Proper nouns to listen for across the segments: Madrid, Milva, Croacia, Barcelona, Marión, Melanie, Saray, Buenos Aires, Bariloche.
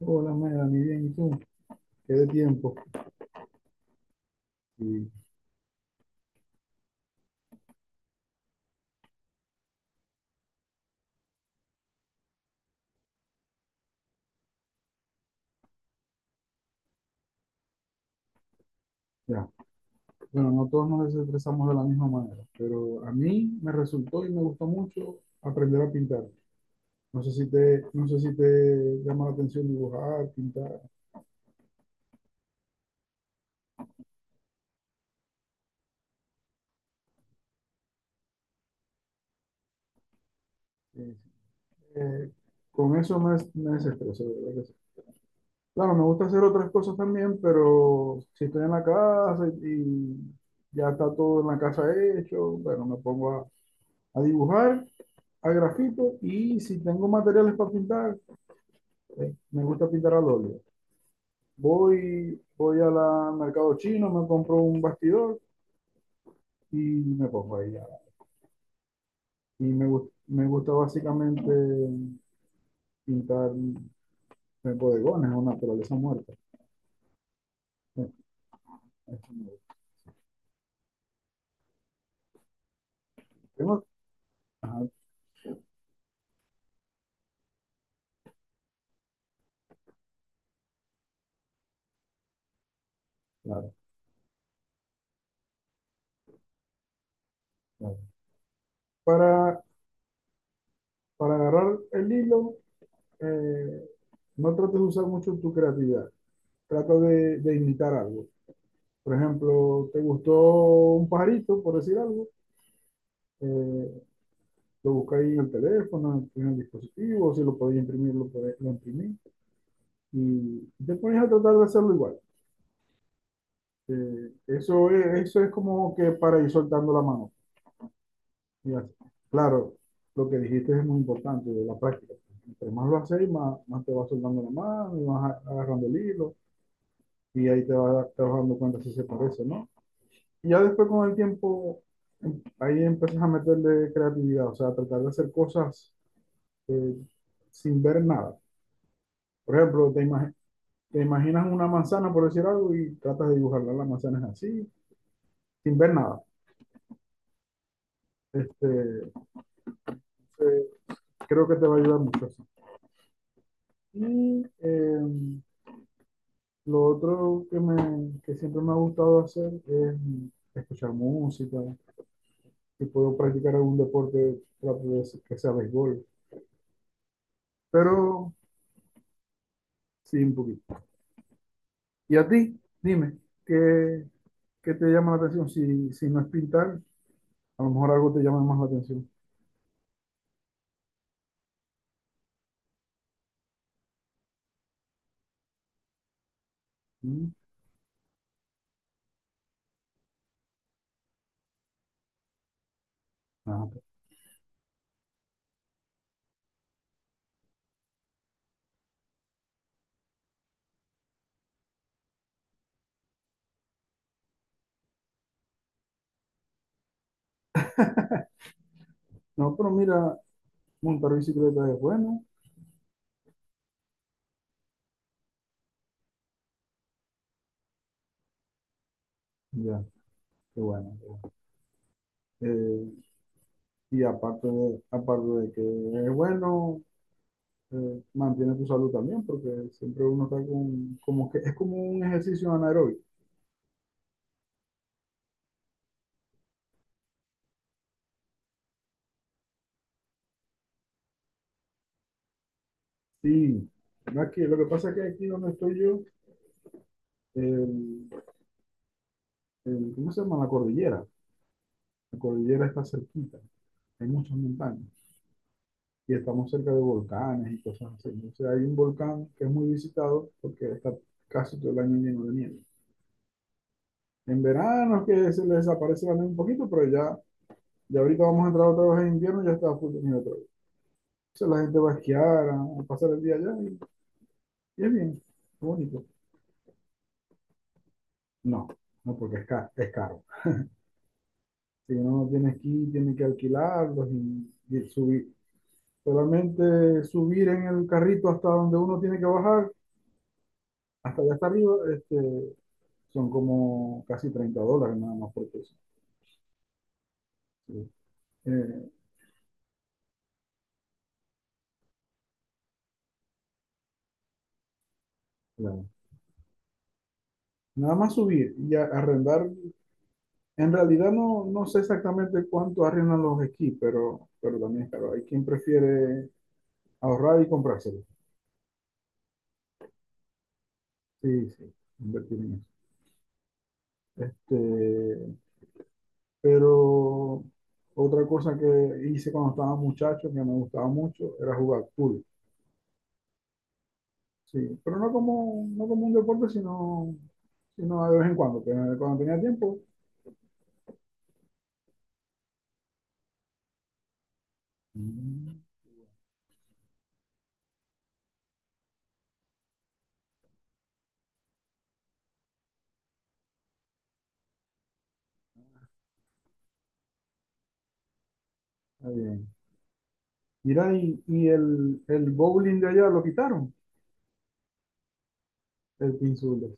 Hola, Melanie, bien, ¿y tú? Qué de tiempo. Y ya, bueno, no todos nos desestresamos de la misma manera, pero a mí me resultó y me gustó mucho aprender a pintar. No sé si te llama la atención dibujar, pintar. eh, eh, con eso me desestreso, de verdad que sí. Claro, me gusta hacer otras cosas también, pero si estoy en la casa y ya está todo en la casa hecho. Bueno, a dibujar a grafito, y si tengo materiales para pintar, me gusta pintar al óleo. Voy al mercado chino, me compro un bastidor y me pongo ahí. Y me gusta básicamente pintar en bodegones o naturaleza muerta. Eh, eso me gusta. Tengo- ajá, claro, claro. Para, para agarrar el hilo, eh, no trates de usar mucho tu creatividad. Trata de imitar algo. Por ejemplo, te gustó un pajarito, por decir algo. eh, Lo buscáis en el teléfono, en el dispositivo, si lo podéis imprimir, lo imprimís. Y te pones a tratar de hacerlo igual. Eso es como que para ir soltando la mano. Y así. Claro, lo que dijiste es muy importante, de la práctica. Entre más lo haces, más te vas soltando la mano y vas agarrando el hilo. Y ahí te vas dando cuenta si se parece, ¿no? Y ya después con el tiempo, ahí empiezas a meterle creatividad, o sea, a tratar de hacer cosas eh, sin ver nada. Por ejemplo, te imaginas una manzana, por decir algo, y tratas de dibujarla. La manzana es así, sin ver nada. Este, eh, Creo que te va a ayudar mucho eso. Y lo otro que, que siempre me ha gustado hacer es escuchar música. Si puedo practicar algún deporte, trato de hacer que sea béisbol. Pero sí, un poquito. ¿Y a ti? Dime, ¿qué, ¿qué te llama la atención? Si no es pintar, a lo mejor algo te llama más la atención. ¿Mm? Ajá. No, pero mira, montar bicicleta es bueno. Ya, qué bueno. Eh, Aparte de que es bueno, mantiene tu salud también, porque siempre uno está con, como que es como un ejercicio anaeróbico. Sí, aquí, lo que pasa es que aquí donde estoy yo, el- ¿cómo se llama? La cordillera. La cordillera está cerquita, hay muchas montañas. Y estamos cerca de volcanes y cosas así. O hay un volcán que es muy visitado porque está casi todo el año lleno de nieve. En verano es que se les desaparece la nieve un poquito, pero ya, ya ahorita vamos a entrar otra vez en invierno y ya está full de nieve otra vez. Entonces la gente va a esquiar, a pasar el día allá y es bien, es bonito. No, no, porque es caro. Si uno no tiene esquí, tiene que alquilarlos y subir. Solamente subir en el carrito hasta donde uno tiene que bajar, hasta allá hasta arriba, son como casi 30 dólares nada más por eso. Sí. Eh, claro. Nada más subir y arrendar. En realidad no, no sé exactamente cuánto arriesgan los esquís, pero también claro, hay quien prefiere ahorrar y comprárselo. Sí, sí, invertir en eso. Este, pero otra cosa que hice cuando estaba muchacho, que me gustaba mucho, era jugar pool. Sí, pero no como, no como un deporte, sino de vez en cuando, pero cuando tenía tiempo. Mm, está bien. Mira, el bowling de allá lo quitaron, el pinzul.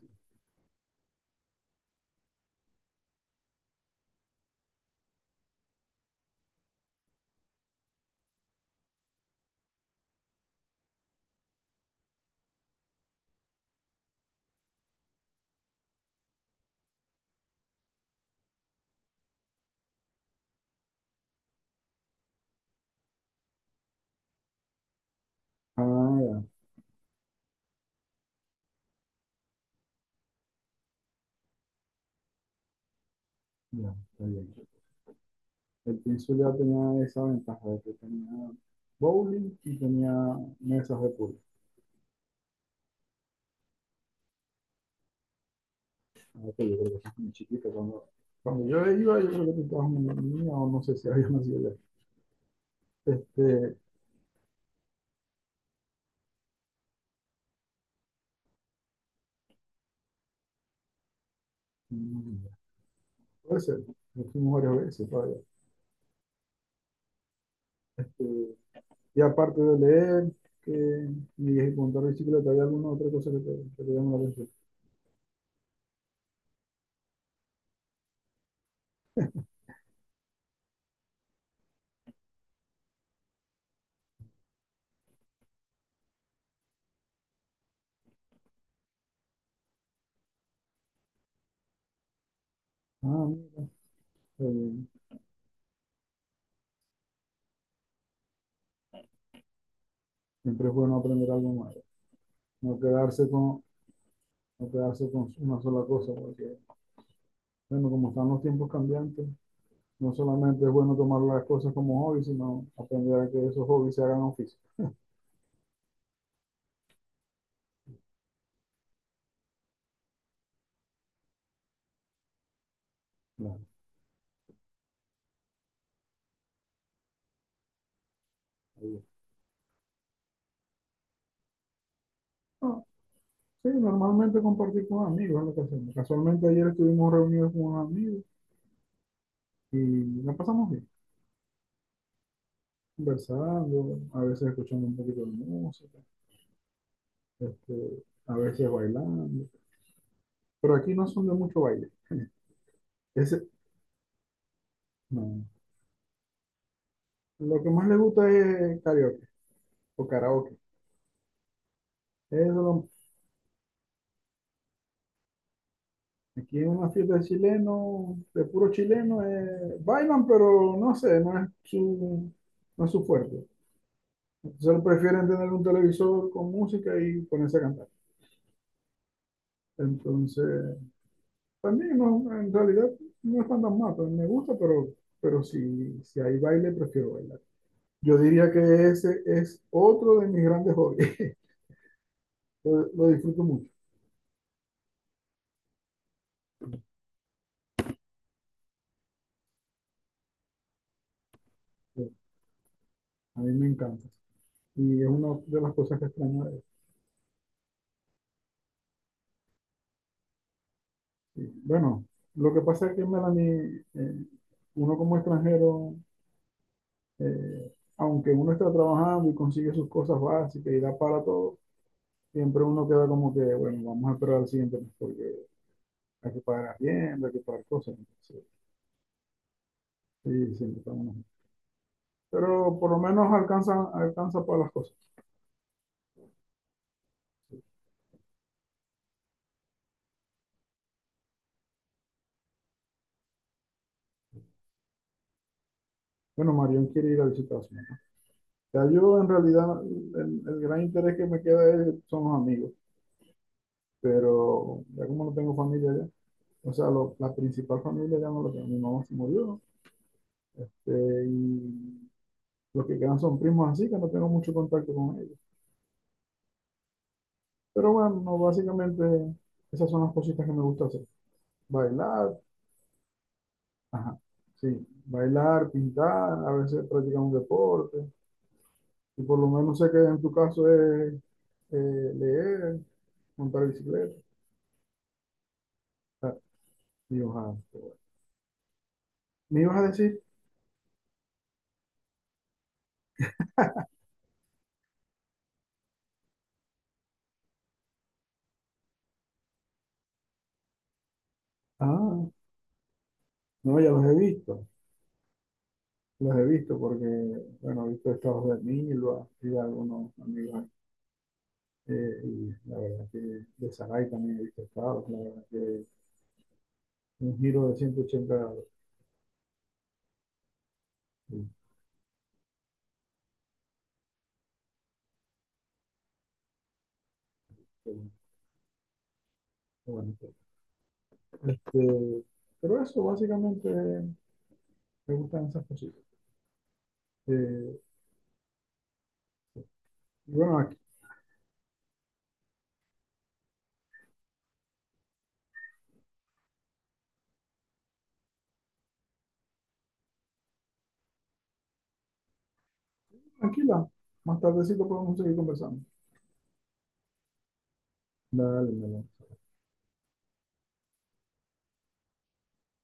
Ah, ya, ya, está bien. El Península ya tenía esa ventaja de que tenía bowling y tenía mesas de pool. Ahora que yo creo que eso es muy chiquito. Cuando yo iba, yo creo que estaba una niña o no sé si había nacido ya. Este, mm, puede ser. Yo fuimos varias veces todavía. Este, y aparte de leer, que ni y contar de bicicleta, ¿hay alguna otra cosa que te llama la atención? Ah, mira. eh, Siempre es bueno aprender algo más. No quedarse con, no quedarse con una sola cosa, porque, bueno, como están los tiempos cambiantes, no solamente es bueno tomar las cosas como hobby, sino aprender a que esos hobbies se hagan oficio. Claro, ahí es. No, sí, normalmente compartir con amigos es lo que hacemos. Casualmente ayer estuvimos reunidos con unos amigos y la pasamos bien, conversando, a veces escuchando un poquito de música, a veces bailando. Pero aquí no son de mucho baile. Ese, no. Lo que más le gusta es karaoke o karaoke. Eso es lo Aquí en una fiesta de chileno, de puro chileno, bailan, pero no sé, no es su fuerte. Entonces prefieren tener un televisor con música y ponerse a cantar. Entonces, también no, en realidad no están tan mal, pero me gusta, pero si, si hay baile, prefiero bailar. Yo diría que ese es otro de mis grandes hobbies. Lo disfruto mucho. A mí me encanta. Y es una de las cosas que extraño. Bueno, lo que pasa es que Melanie, uno como extranjero, eh, aunque uno está trabajando y consigue sus cosas básicas y da para todo, siempre uno queda como que, bueno, vamos a esperar al siguiente mes porque hay que pagar bien, hay que pagar cosas. Entonces, sí, siempre está uno. Pero por lo menos alcanza, alcanza para las cosas. Bueno, Marión quiere ir a visitar a su mamá. Ya yo en realidad el gran interés que me queda son los amigos, pero ya como no tengo familia allá. O sea, la principal familia ya no lo tengo. Mi mamá se murió. Y los que quedan son primos así, que no tengo mucho contacto con ellos. Pero bueno, no, básicamente esas son las cositas que me gusta hacer. Bailar, ajá, sí. Bailar, pintar, a veces practicar un deporte. Y por lo menos sé que en tu caso es leer, montar bicicleta. Ah, y ojalá. Me ibas a decir, ah, no, ya los he visto. Los he visto porque, bueno, he visto estados de Milva y de algunos amigos ahí. Y la verdad que de Saray también he visto estados. La verdad que un giro de 180 grados. y, eh, bueno, este, pero eso, básicamente, me gustan esas cositas. Eh, y bueno, aquí, Tranquila. Más tardecito podemos seguir conversando. Dale, dale.